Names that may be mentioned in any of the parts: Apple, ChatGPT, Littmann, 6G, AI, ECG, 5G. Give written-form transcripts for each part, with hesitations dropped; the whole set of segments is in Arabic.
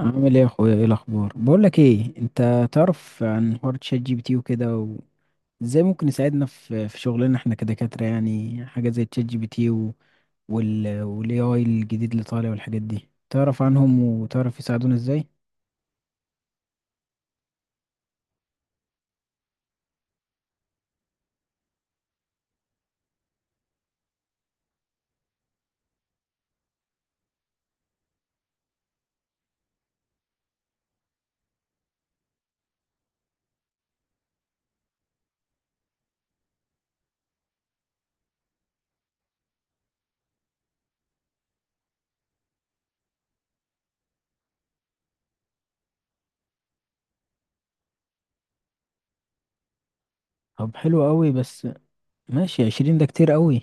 عامل ايه يا اخويا، ايه الاخبار؟ بقول لك ايه، انت تعرف عن حوار تشات جي بي تي وكده، وازاي ممكن يساعدنا في شغلنا احنا كدكاترة؟ يعني حاجة زي تشات جي بي تي والاي اي الجديد اللي طالع والحاجات دي، تعرف عنهم وتعرف يساعدونا ازاي؟ طب حلو قوي. بس ماشي، 20 ده كتير قوي.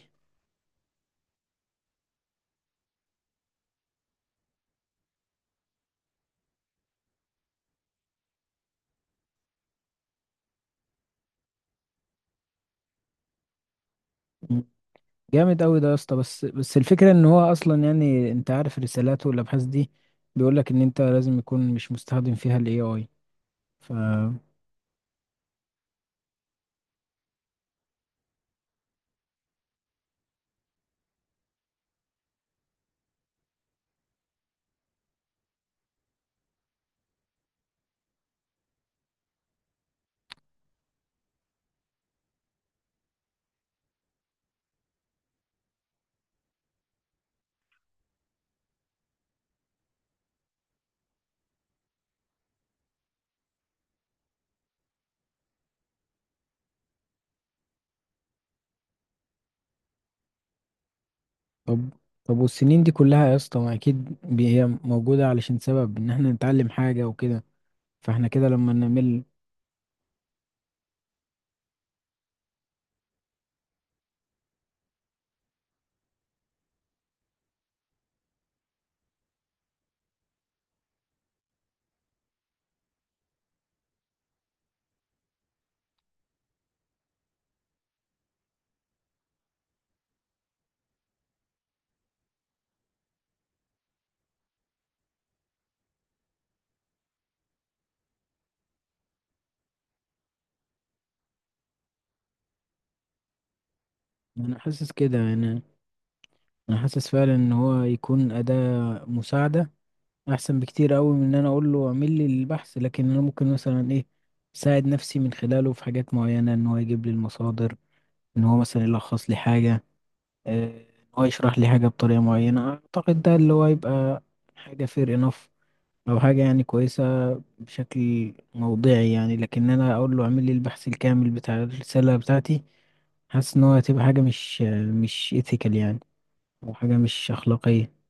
م. جامد قوي ده يا اسطى. بس بس الفكرة ان هو اصلا، يعني انت عارف رسالاته والابحاث دي بيقولك ان انت لازم يكون مش مستخدم فيها الاي اي. طب طب والسنين دي كلها يا اسطى، ما اكيد هي موجودة علشان سبب ان احنا نتعلم حاجة وكده، فاحنا كده لما نمل. انا حاسس كده يعني، انا حاسس فعلا ان هو يكون أداة مساعدة احسن بكتير قوي من ان انا اقول له اعمل لي البحث، لكن انا ممكن مثلا ايه اساعد نفسي من خلاله في حاجات معينة: ان هو يجيب لي المصادر، ان هو مثلا يلخص لي حاجة، ان هو يشرح لي حاجة بطريقة معينة. اعتقد ده اللي هو يبقى حاجة fair enough، او حاجة يعني كويسة بشكل موضعي. يعني لكن انا اقول له اعمل لي البحث الكامل بتاع الرسالة بتاعتي، حاسس ان هو هتبقى حاجة مش ethical يعني، او حاجة مش اخلاقية.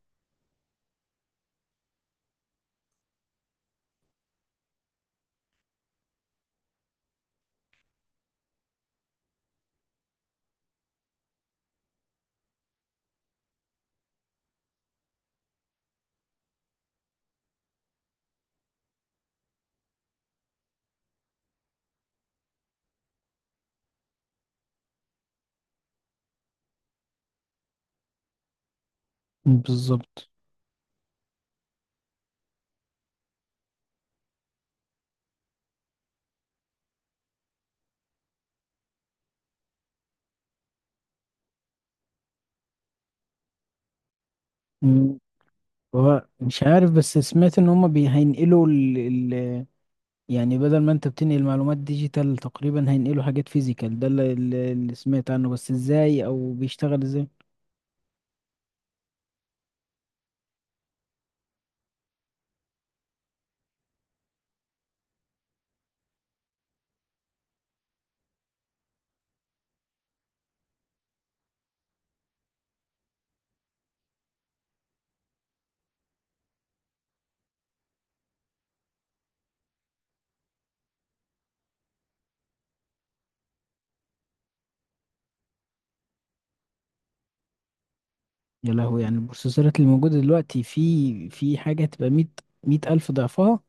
بالظبط. مم. هو مش عارف، بس سمعت ان هما هينقلوا ال... يعني بدل ما انت بتنقل معلومات ديجيتال تقريبا، هينقلوا حاجات فيزيكال. ده اللي، سمعت عنه، بس ازاي او بيشتغل ازاي؟ يا لهوي، يعني البروسيسورات اللي موجودة دلوقتي في حاجة هتبقى 100,000 ضعفها؟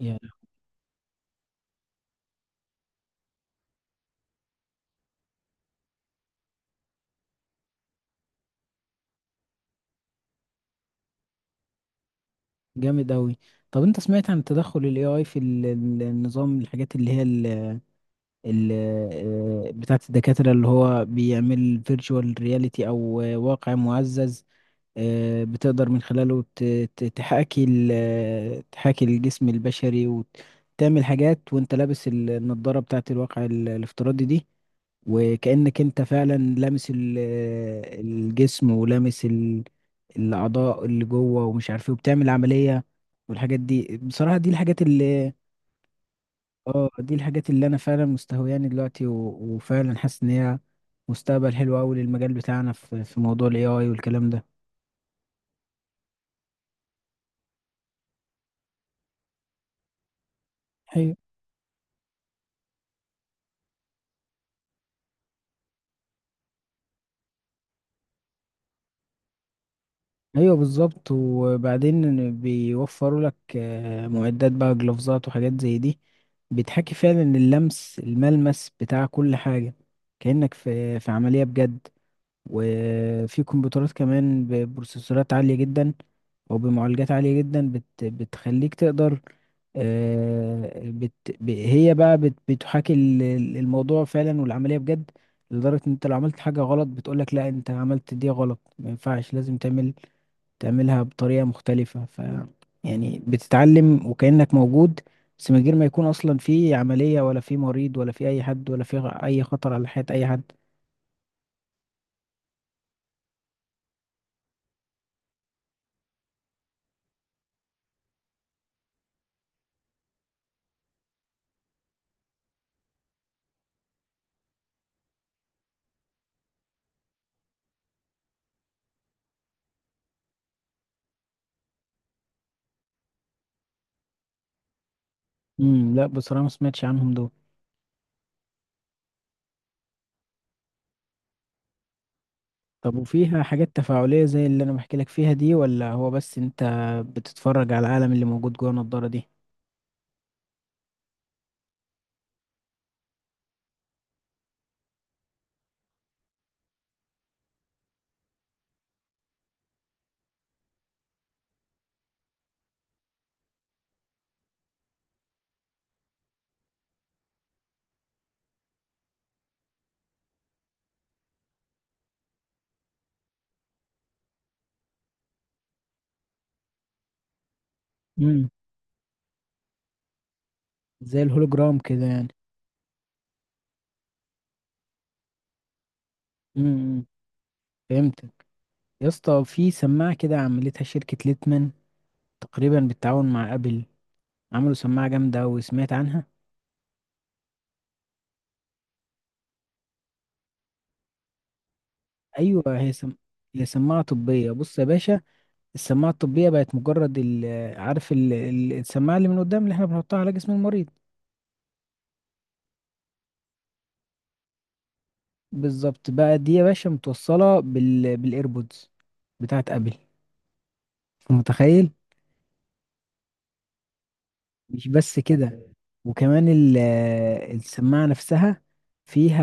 يا. جامد أوي. طب أنت سمعت عن تدخل ال AI في النظام، الحاجات اللي هي ال ال بتاعة الدكاترة، اللي هو بيعمل فيرتشوال رياليتي أو واقع معزز؟ بتقدر من خلاله تحاكي تحاكي الجسم البشري وتعمل حاجات وأنت لابس النضارة بتاعة الواقع الافتراضي دي، وكأنك انت فعلا لامس الجسم ولامس الأعضاء اللي جوه، ومش عارف ايه، وبتعمل عملية. والحاجات دي بصراحة دي الحاجات اللي. اه دي الحاجات اللي انا فعلا مستهوياني دلوقتي، وفعلا حاسس ان هي مستقبل حلو قوي للمجال بتاعنا في موضوع الاي اي والكلام ده. ايوه بالظبط. وبعدين بيوفروا لك معدات بقى، جلوفزات وحاجات زي دي، بتحكي فعلا اللمس، الملمس بتاع كل حاجة، كأنك في عملية بجد. وفي كمبيوترات كمان ببروسيسورات عالية جدا، او بمعالجات عالية جدا، بتخليك تقدر آه، بت هي بقى بتحاكي الموضوع فعلا والعملية بجد، لدرجة ان انت لو عملت حاجة غلط بتقولك لا انت عملت دي غلط، ما ينفعش، لازم تعملها بطريقة مختلفة. ف يعني بتتعلم وكأنك موجود، بس من غير ما يكون أصلا في عملية ولا في مريض ولا في أي حد ولا في أي خطر على حياة أي حد. امم. لا بصراحة ما سمعتش عنهم دول. طب وفيها حاجات تفاعلية زي اللي أنا بحكي لك فيها دي، ولا هو بس أنت بتتفرج على العالم اللي موجود جوه النضارة دي؟ امم. زي الهولوجرام كده يعني. امم. فهمتك. يا اسطى، في سماعة كده عملتها شركة ليتمان، تقريبا بالتعاون مع أبل، عملوا سماعة جامدة وسمعت عنها. ايوه، هي سماعه طبيه. بص يا باشا، السماعه الطبيه بقت مجرد عارف السماعه اللي من قدام اللي احنا بنحطها على جسم المريض؟ بالظبط بقى. دي يا باشا متوصله بالايربودز بتاعت ابل، أنت متخيل؟ مش بس كده، وكمان السماعه نفسها فيها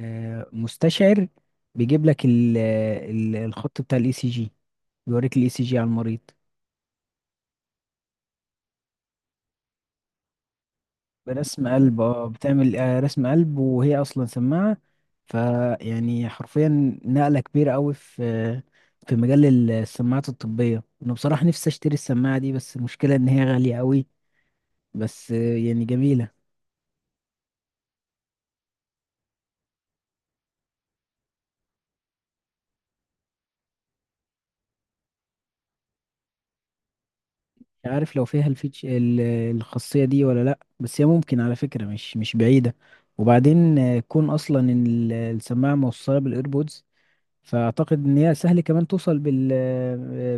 مستشعر بيجيب لك الخط بتاع الاي سي جي، بيوريك الاي سي جي على المريض. برسم قلب، اه، بتعمل رسم قلب وهي اصلا سماعه. فيعني حرفيا نقله كبيره قوي في مجال السماعات الطبيه. انا بصراحه نفسي اشتري السماعه دي، بس المشكله ان هي غاليه قوي. بس يعني جميله. مش عارف لو فيها الفيتش الخاصيه دي ولا لا، بس هي ممكن على فكره مش بعيده. وبعدين كون اصلا ان السماعه موصله بالايربودز، فاعتقد ان هي سهل كمان توصل بال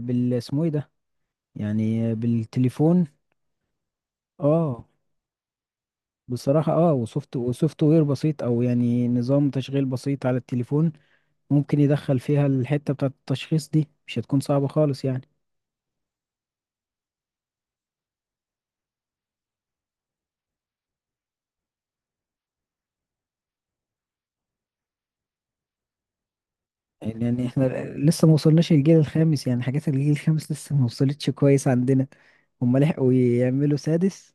بال اسمه ايه ده، يعني بالتليفون. اه بصراحة، اه، وسوفت وير بسيط، او يعني نظام تشغيل بسيط على التليفون، ممكن يدخل فيها الحتة بتاعة التشخيص دي، مش هتكون صعبة خالص يعني. يعني احنا لسه ما وصلناش للجيل الخامس، يعني حاجات الجيل الخامس لسه ما وصلتش كويس عندنا، هما لحقوا يعملوا سادس؟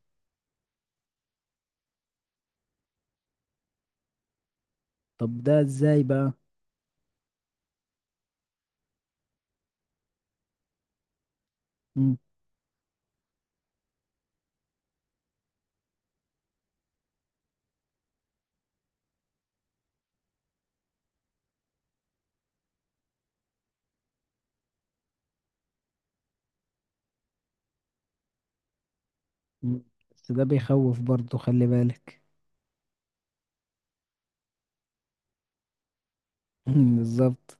طب ده ازاي بقى؟ مم. مم. بس ده بيخوف برضه، خلي بالك. بالظبط.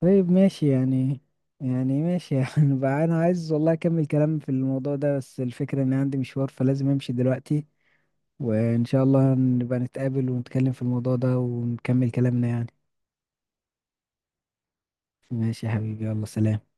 طيب ماشي يعني. يعني ماشي يعني بقى انا عايز والله اكمل كلام في الموضوع ده، بس الفكرة ان عندي مشوار فلازم امشي دلوقتي. وان شاء الله نبقى نتقابل ونتكلم في الموضوع ده ونكمل كلامنا يعني. ماشي يا حبيبي، يلا سلام.